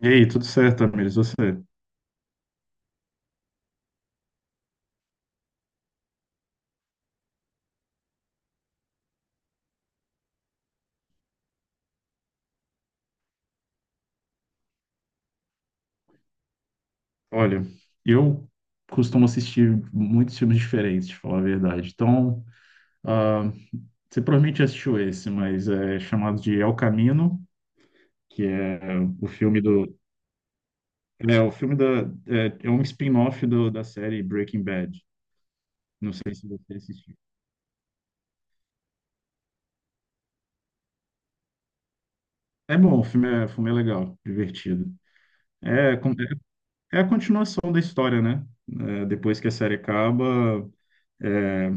E aí, tudo certo, Tamires? Você? Olha, eu costumo assistir muitos filmes diferentes, de falar a verdade. Então, ah, você provavelmente já assistiu esse, mas é chamado de El Camino, que é o filme do. É o filme da. É um spin-off da série Breaking Bad. Não sei se você assistiu. É bom, o filme é legal, divertido. É, com- é é a continuação da história, né? É, depois que a série acaba. É,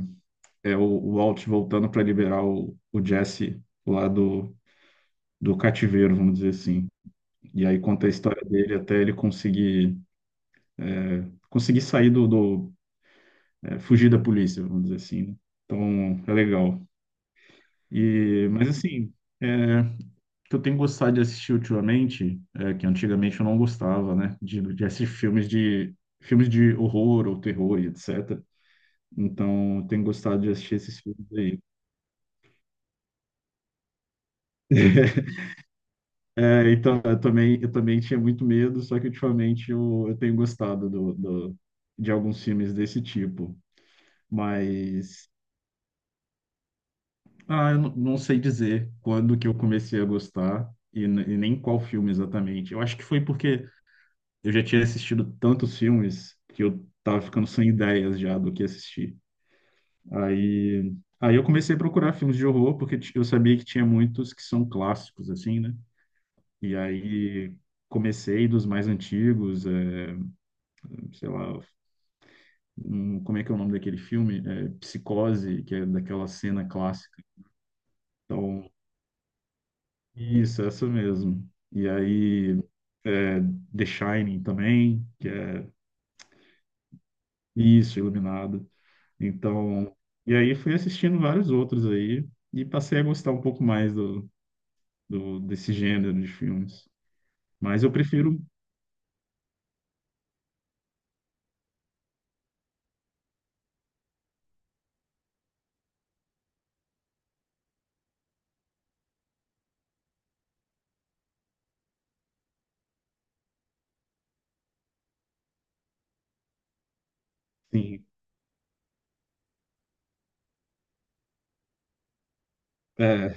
é o Walt voltando para liberar o Jesse lá do cativeiro, vamos dizer assim. E aí conta a história dele até ele conseguir sair do fugir da polícia, vamos dizer assim, né? Então, é legal. E, mas assim, é, o que eu tenho gostado de assistir ultimamente, é, que antigamente eu não gostava, né? De assistir filmes de horror ou terror e etc. Então, eu tenho gostado de assistir esses filmes aí. É, então, eu também tinha muito medo, só que ultimamente eu tenho gostado de alguns filmes desse tipo. Mas, ah, eu não sei dizer quando que eu comecei a gostar e, e nem qual filme exatamente. Eu acho que foi porque eu já tinha assistido tantos filmes que eu tava ficando sem ideias já do que assistir. Aí, aí eu comecei a procurar filmes de horror, porque eu sabia que tinha muitos que são clássicos, assim, né? E aí comecei dos mais antigos, é, sei lá, como é que é o nome daquele filme? É, Psicose, que é daquela cena clássica. Então, isso, essa mesmo. E aí, é, The Shining também, que é isso, Iluminado. Então, e aí fui assistindo vários outros aí e passei a gostar um pouco mais desse gênero de filmes. Mas eu prefiro, sim, é,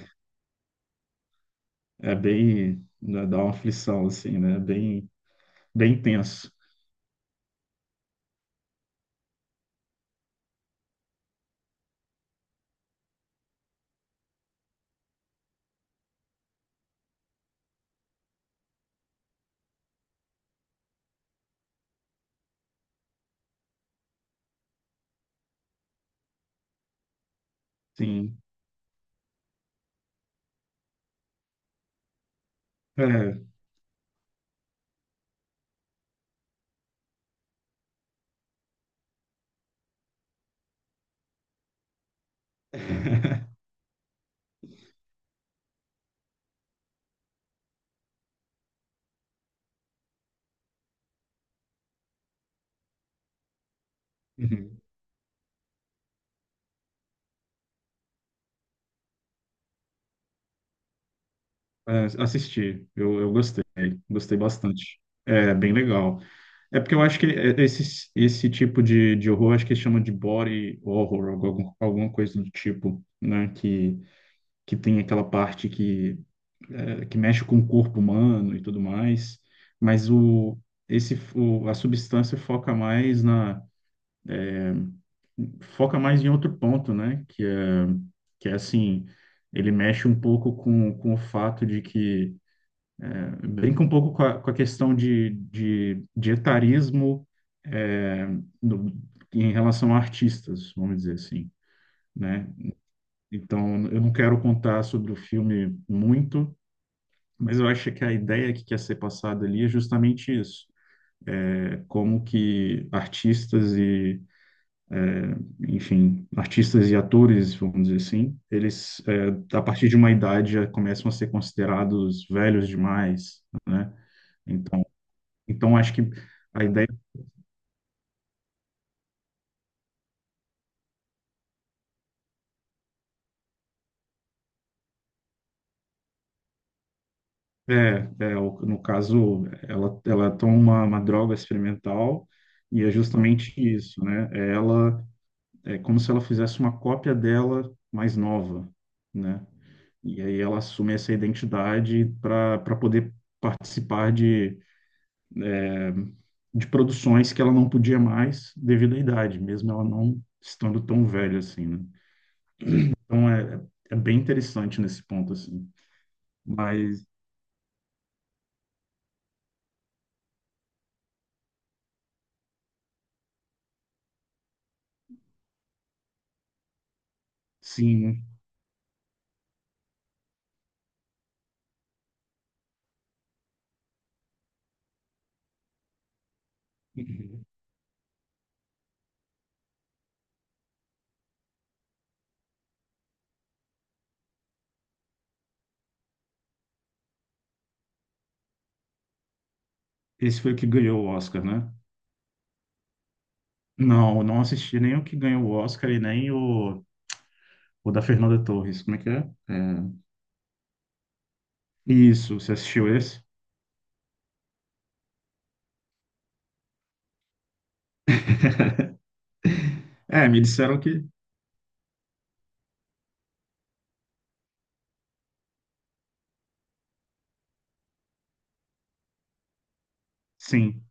é bem, né, dá uma aflição, assim, né? Bem, bem tenso, sim. É. É, assisti, eu gostei, gostei bastante. É bem legal. É porque eu acho que esse tipo de horror, acho que eles chamam de body horror, alguma coisa do tipo, né? Que tem aquela parte que mexe com o corpo humano e tudo mais. Mas a substância foca mais em outro ponto, né? Que é assim, ele mexe um pouco com o fato de que brinca um pouco com a questão de etarismo é, no- em relação a artistas, vamos dizer assim, né? Então, eu não quero contar sobre o filme muito, mas eu acho que a ideia que quer ser passada ali é justamente isso. É como que artistas e, enfim, artistas e atores, vamos dizer assim, eles, é, a partir de uma idade, já começam a ser considerados velhos demais, né? Então, então acho que a ideia é. É, o- no caso, ela toma uma droga experimental e é justamente isso, né? Ela é como se ela fizesse uma cópia dela mais nova, né? E aí ela assume essa identidade para para poder participar de produções que ela não podia mais devido à idade, mesmo ela não estando tão velha assim, né? Então é, é bem interessante nesse ponto, assim. Mas, sim, esse foi o que ganhou o Oscar, né? Não, não assisti nem o que ganhou o Oscar e nem o da Fernanda Torres. Como é que é? É, isso, você assistiu esse? É, me disseram que sim.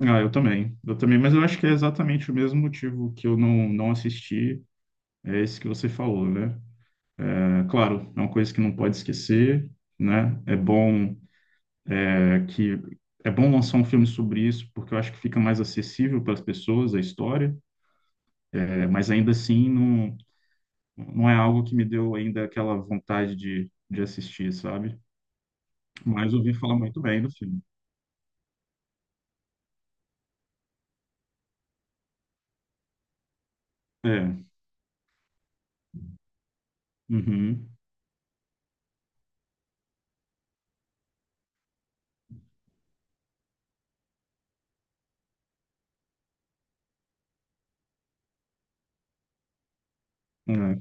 Ah, eu também. Eu também, mas eu acho que é exatamente o mesmo motivo que eu não assisti, é esse que você falou, né? É, claro, é uma coisa que não pode esquecer, né? Que é bom lançar um filme sobre isso, porque eu acho que fica mais acessível para as pessoas a história, é, mas ainda assim não, não é algo que me deu ainda aquela vontade de assistir, sabe? Mas ouvi falar muito bem do filme. É. Uhum. É.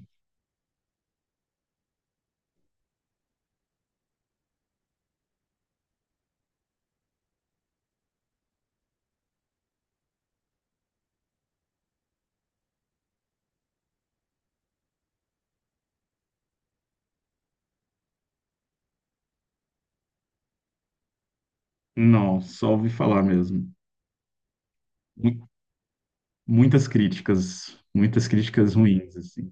Não, só ouvi falar mesmo. Mu- muitas críticas ruins, assim.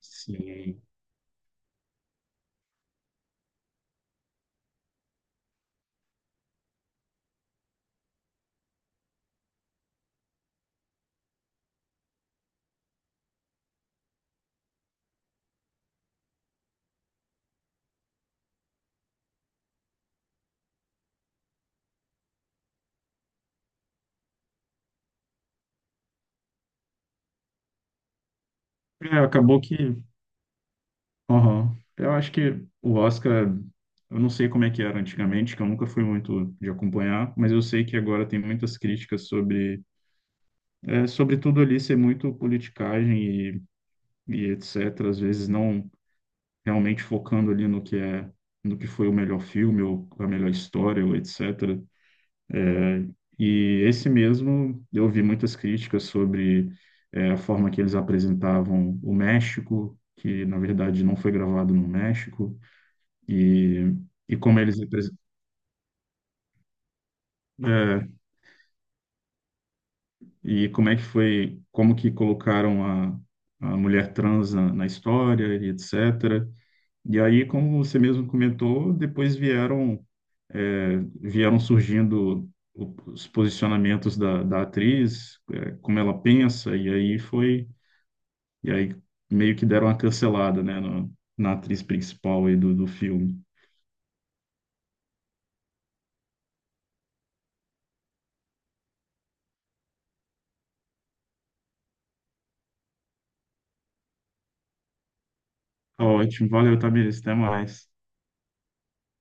Sim. É, acabou que. Aham. Eu acho que o Oscar, eu não sei como é que era antigamente, que eu nunca fui muito de acompanhar, mas eu sei que agora tem muitas críticas sobre, é, sobre tudo ali ser muito politicagem e, e etc. Às vezes não, realmente focando ali no que é, no que foi o melhor filme ou a melhor história ou etc. E esse mesmo, eu ouvi muitas críticas sobre eh, a forma que eles apresentavam o México, que na verdade não foi gravado no México, e, e como eles eh, e como é que foi, como que colocaram a mulher trans na, na história e etc. E aí, como você mesmo comentou, depois vieram surgindo os posicionamentos da, da atriz, é, como ela pensa, e aí foi, e aí meio que deram uma cancelada, né, na atriz principal aí do filme. Tá, ótimo, valeu, Tamires, até mais.